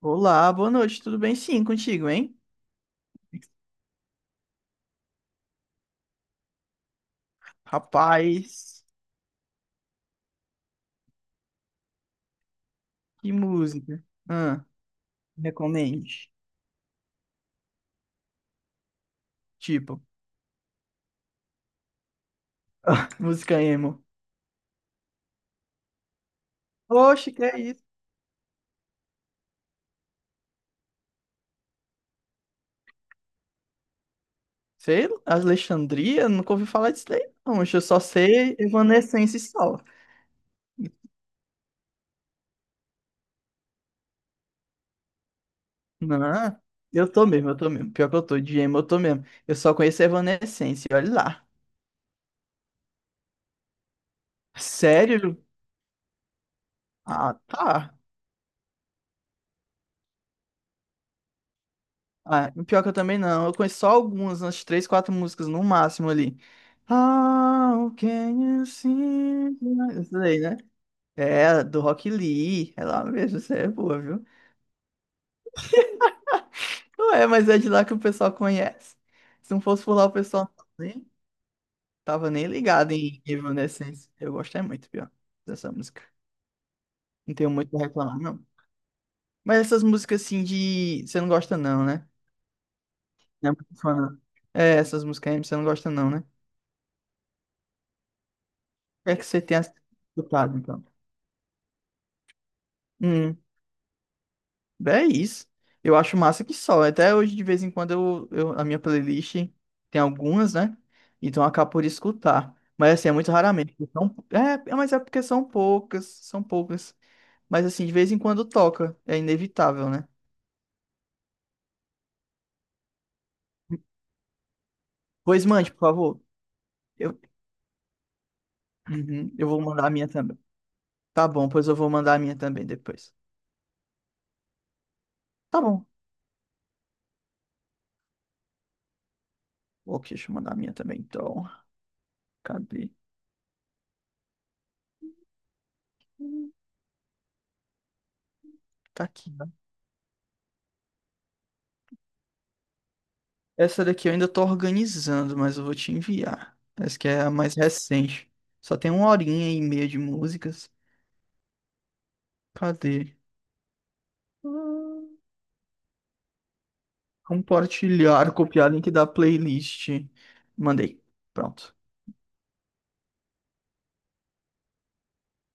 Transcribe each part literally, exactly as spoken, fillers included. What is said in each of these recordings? Olá, boa noite, tudo bem? Sim, contigo, hein? Rapaz, que música. Ah, recomende. Tipo, música emo. Oxe, que é isso? Sei lá, Alexandria? Nunca ouvi falar disso daí não. Oxe, eu só sei Evanescence só. Não, eu tô mesmo, eu tô mesmo. Pior que eu tô de emo, eu tô mesmo. Eu só conheço Evanescence, olha lá. Sério? Ah, tá. Ah, pior que eu também não. Eu conheço só algumas, umas três, quatro músicas no máximo ali. How can you see? my- Isso daí, né? É, do Rock Lee. É lá mesmo, isso aí é boa, viu? Não é, mas é de lá que o pessoal conhece. Se não fosse por lá, o pessoal nem tava nem ligado em Evanescence. Eu gosto é muito, pior, dessa música. Não tenho muito pra reclamar, não. Mas essas músicas assim de. Você não gosta, não, né? Não é muito fã, não. É, essas músicas aí você não gosta, não, né? O que é que você tem escutado, então? Hum, é isso. Eu acho massa que só. Até hoje, de vez em quando, eu, eu- a minha playlist tem algumas, né? Então eu acabo por escutar. Mas assim, é muito raramente. porque São, é, é, mas é porque são poucas, são poucas. Mas assim, de vez em quando toca. É inevitável, né? Pois mande, por favor. Eu, Uhum, eu vou mandar a minha também. Tá bom, pois eu vou mandar a minha também depois. Tá bom. Ok, deixa eu mandar a minha também, então. Cadê? Tá aqui. Essa daqui eu ainda tô organizando, mas eu vou te enviar. Essa que é a mais recente. Só tem uma horinha e meia de músicas. Cadê? Hum, Compartilhar, copiar link da playlist. Mandei. Pronto.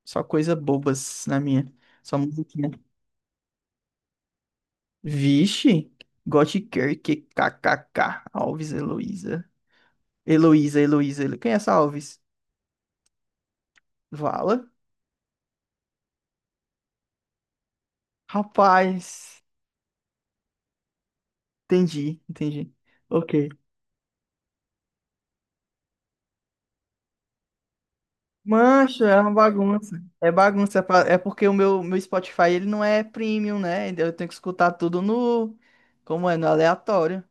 Só coisa bobas na minha. Só musiquinha. Vixe! Gothic Kirk, KKK. Alves, Heloísa. Heloísa, Heloísa. Helo- Quem é essa Alves? Vala? Rapaz. Entendi, entendi. Ok. Mancho, é uma bagunça. É bagunça. É pa- é porque o meu, meu Spotify ele não é premium, né? Então, eu tenho que escutar tudo no. Como é? No aleatório.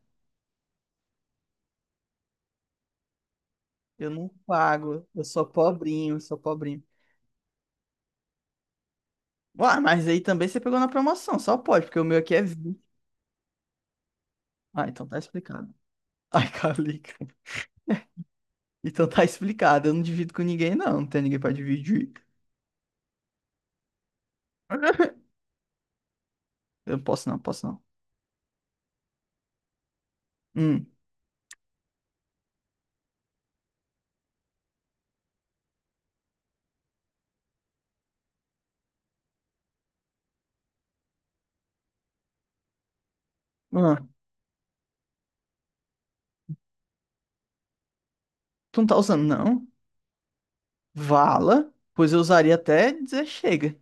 Eu não pago. Eu sou pobrinho, sou pobrinho. Uai, mas aí também você pegou na promoção, só pode, porque o meu aqui é vinte. Ah, então tá explicado. Ai, Calica. Então tá explicado. Eu não divido com ninguém, não. Não tem ninguém pra dividir. Eu posso não, posso não. Hum. Ah, tu não tá usando, não? Vala? Pois eu usaria até dizer chega.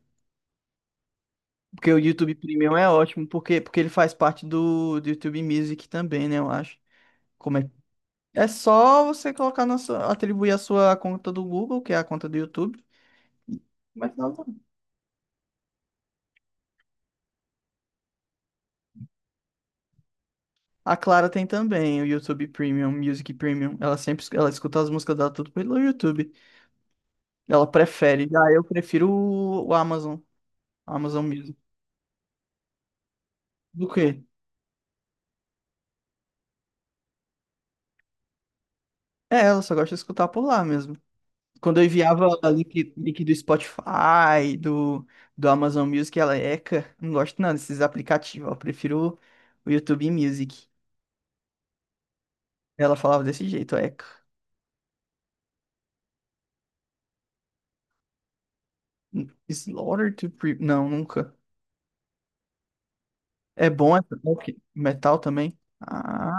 Porque o YouTube Premium é ótimo, porque, porque ele faz parte do, do YouTube Music também, né? Eu acho. Como é? É só você colocar na sua, atribuir a sua conta do Google, que é a conta do YouTube. e Mas não. A Clara tem também o YouTube Premium, Music Premium. Ela sempre, es- ela escuta as músicas dela tudo pelo YouTube. Ela prefere. Já eu prefiro o, o Amazon, Amazon Music. Do quê? É, ela só gosta de escutar por lá mesmo. Quando eu enviava o link, link do Spotify, do, do Amazon Music, ela, eca, não gosto não desses aplicativos, eu prefiro o YouTube Music. Ela falava desse jeito, eca. Slaughter to Pre... Não, nunca. É bom, é bom que- metal também. Ah,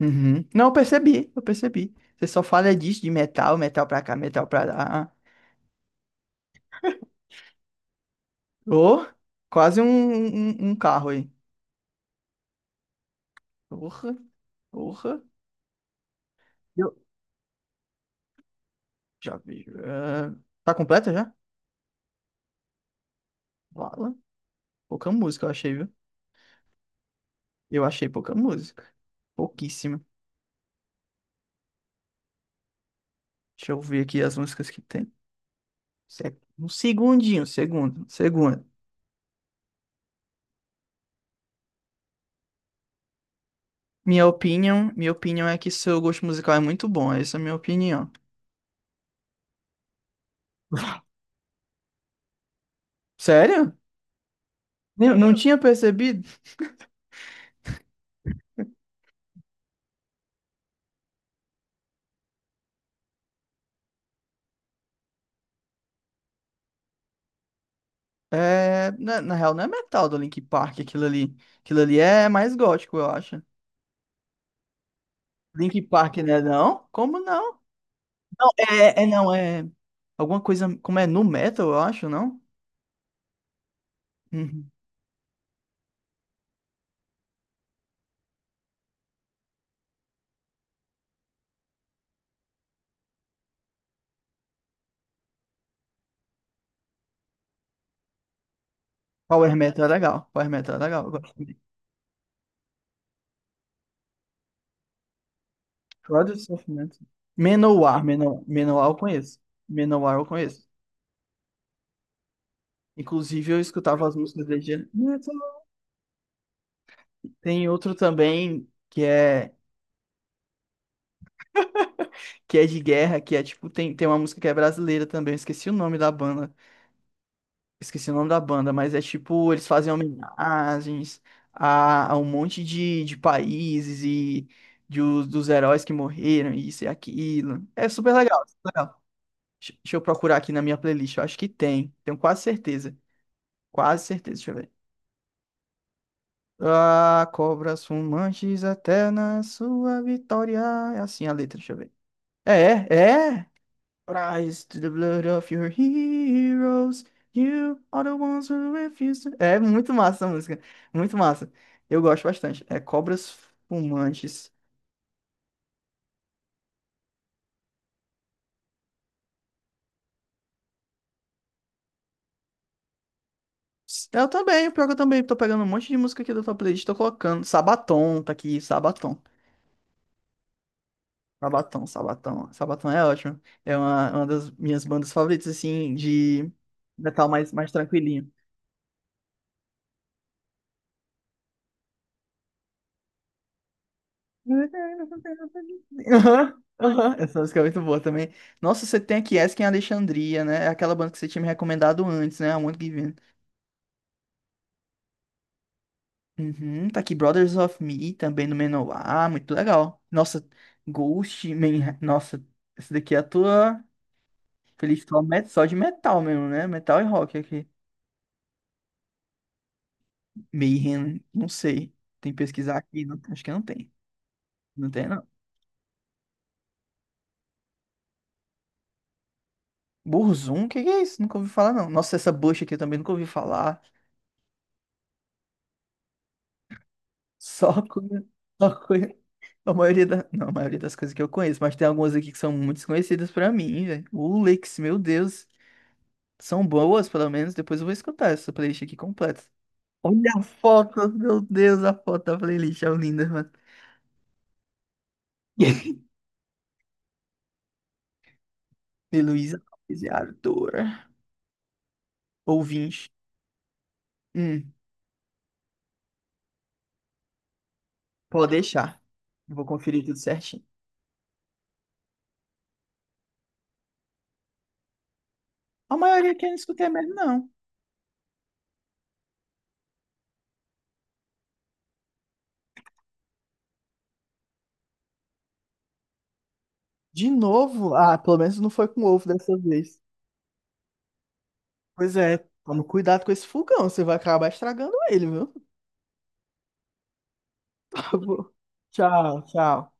uhum. Não, eu percebi, eu percebi. Você só fala disso, de metal, metal pra cá, metal pra lá. Ô, quase um, um, um carro aí. Porra, porra. Eu já vi. eh, Tá completa já? Vala. Pouca música eu achei, viu? Eu achei pouca música. Pouquíssima. Deixa eu ver aqui as músicas que tem. Se- é um segundinho, segundo, segundo. Minha opinião, minha opinião é que seu gosto musical é muito bom. Essa é a minha opinião. Sério? Nem- Não tinha percebido? É, na, na real, não é metal do Linkin Park aquilo ali. Aquilo ali é mais gótico, eu acho. Linkin Park, né? Não? Como não? É, é não, é. Alguma coisa. Como é? Nu metal, eu acho, não? Uhum. Power Metal é legal. Power Metal é legal. Eu gosto também. Cláudio Sofrimento. Manowar. Manowar, Manowar eu conheço. Manowar eu conheço. Inclusive, eu escutava as músicas dele. de- Tem outro também que é que é de guerra, que é tipo, tem, tem uma música que é brasileira também, eu esqueci o nome da banda. Esqueci o nome da banda, mas é tipo, eles fazem homenagens a, a um monte de, de países e de, os- dos heróis que morreram, isso e aquilo. É super legal, super legal. Deixa deixa eu procurar aqui na minha playlist. Eu acho que tem. Tenho quase certeza. Quase certeza. Deixa eu ver. Ah, cobras fumantes até na sua vitória. É assim a letra, deixa eu ver. É, é. Rise to the blood of your heroes. You are the ones who refuse to... É muito massa essa música. Muito massa. Eu gosto bastante. É Cobras Fumantes. Eu também, pior que eu também tô pegando um monte de música aqui da tua playlist, tô colocando. Sabaton tá aqui, Sabaton. Sabatão, Sabatão. Sabatão é ótimo. É uma, uma das minhas bandas favoritas, assim, de metal mais, mais tranquilinho. Aham, aham. Essa música é muito boa também. Nossa, você tem aqui Asking Alexandria, né? É aquela banda que você tinha me recomendado antes, né? A Want Given. Uhum, tá aqui Brothers of Me, também no Menor. Muito legal. Nossa, Ghost, Man... Nossa, esse daqui é a tua playlist só met- só de metal mesmo, né? Metal e rock aqui. Mayhem, não sei. Tem que pesquisar aqui, não- acho que não tem. Não tem, não. Burzum, o que que é isso? Nunca ouvi falar, não. Nossa, essa bucha aqui eu também nunca ouvi falar. Só coisa, só coisa. A maioria da, não, a maioria das coisas que eu conheço, mas tem algumas aqui que são muito desconhecidas pra mim, velho. O Lex, meu Deus. São boas, pelo menos. Depois eu vou escutar essa playlist aqui completa. Olha a foto, meu Deus, a foto da playlist é linda, mano. E Luísa Alves e Ardora. Ouvinte. Hum. Pode deixar. Eu vou conferir tudo certinho. A maioria aqui eu não escutei mesmo, não. De novo? Ah, pelo menos não foi com ovo dessa vez. Pois é, toma cuidado com esse fogão, você vai acabar estragando ele, viu? Tá bom. Tchau, tchau.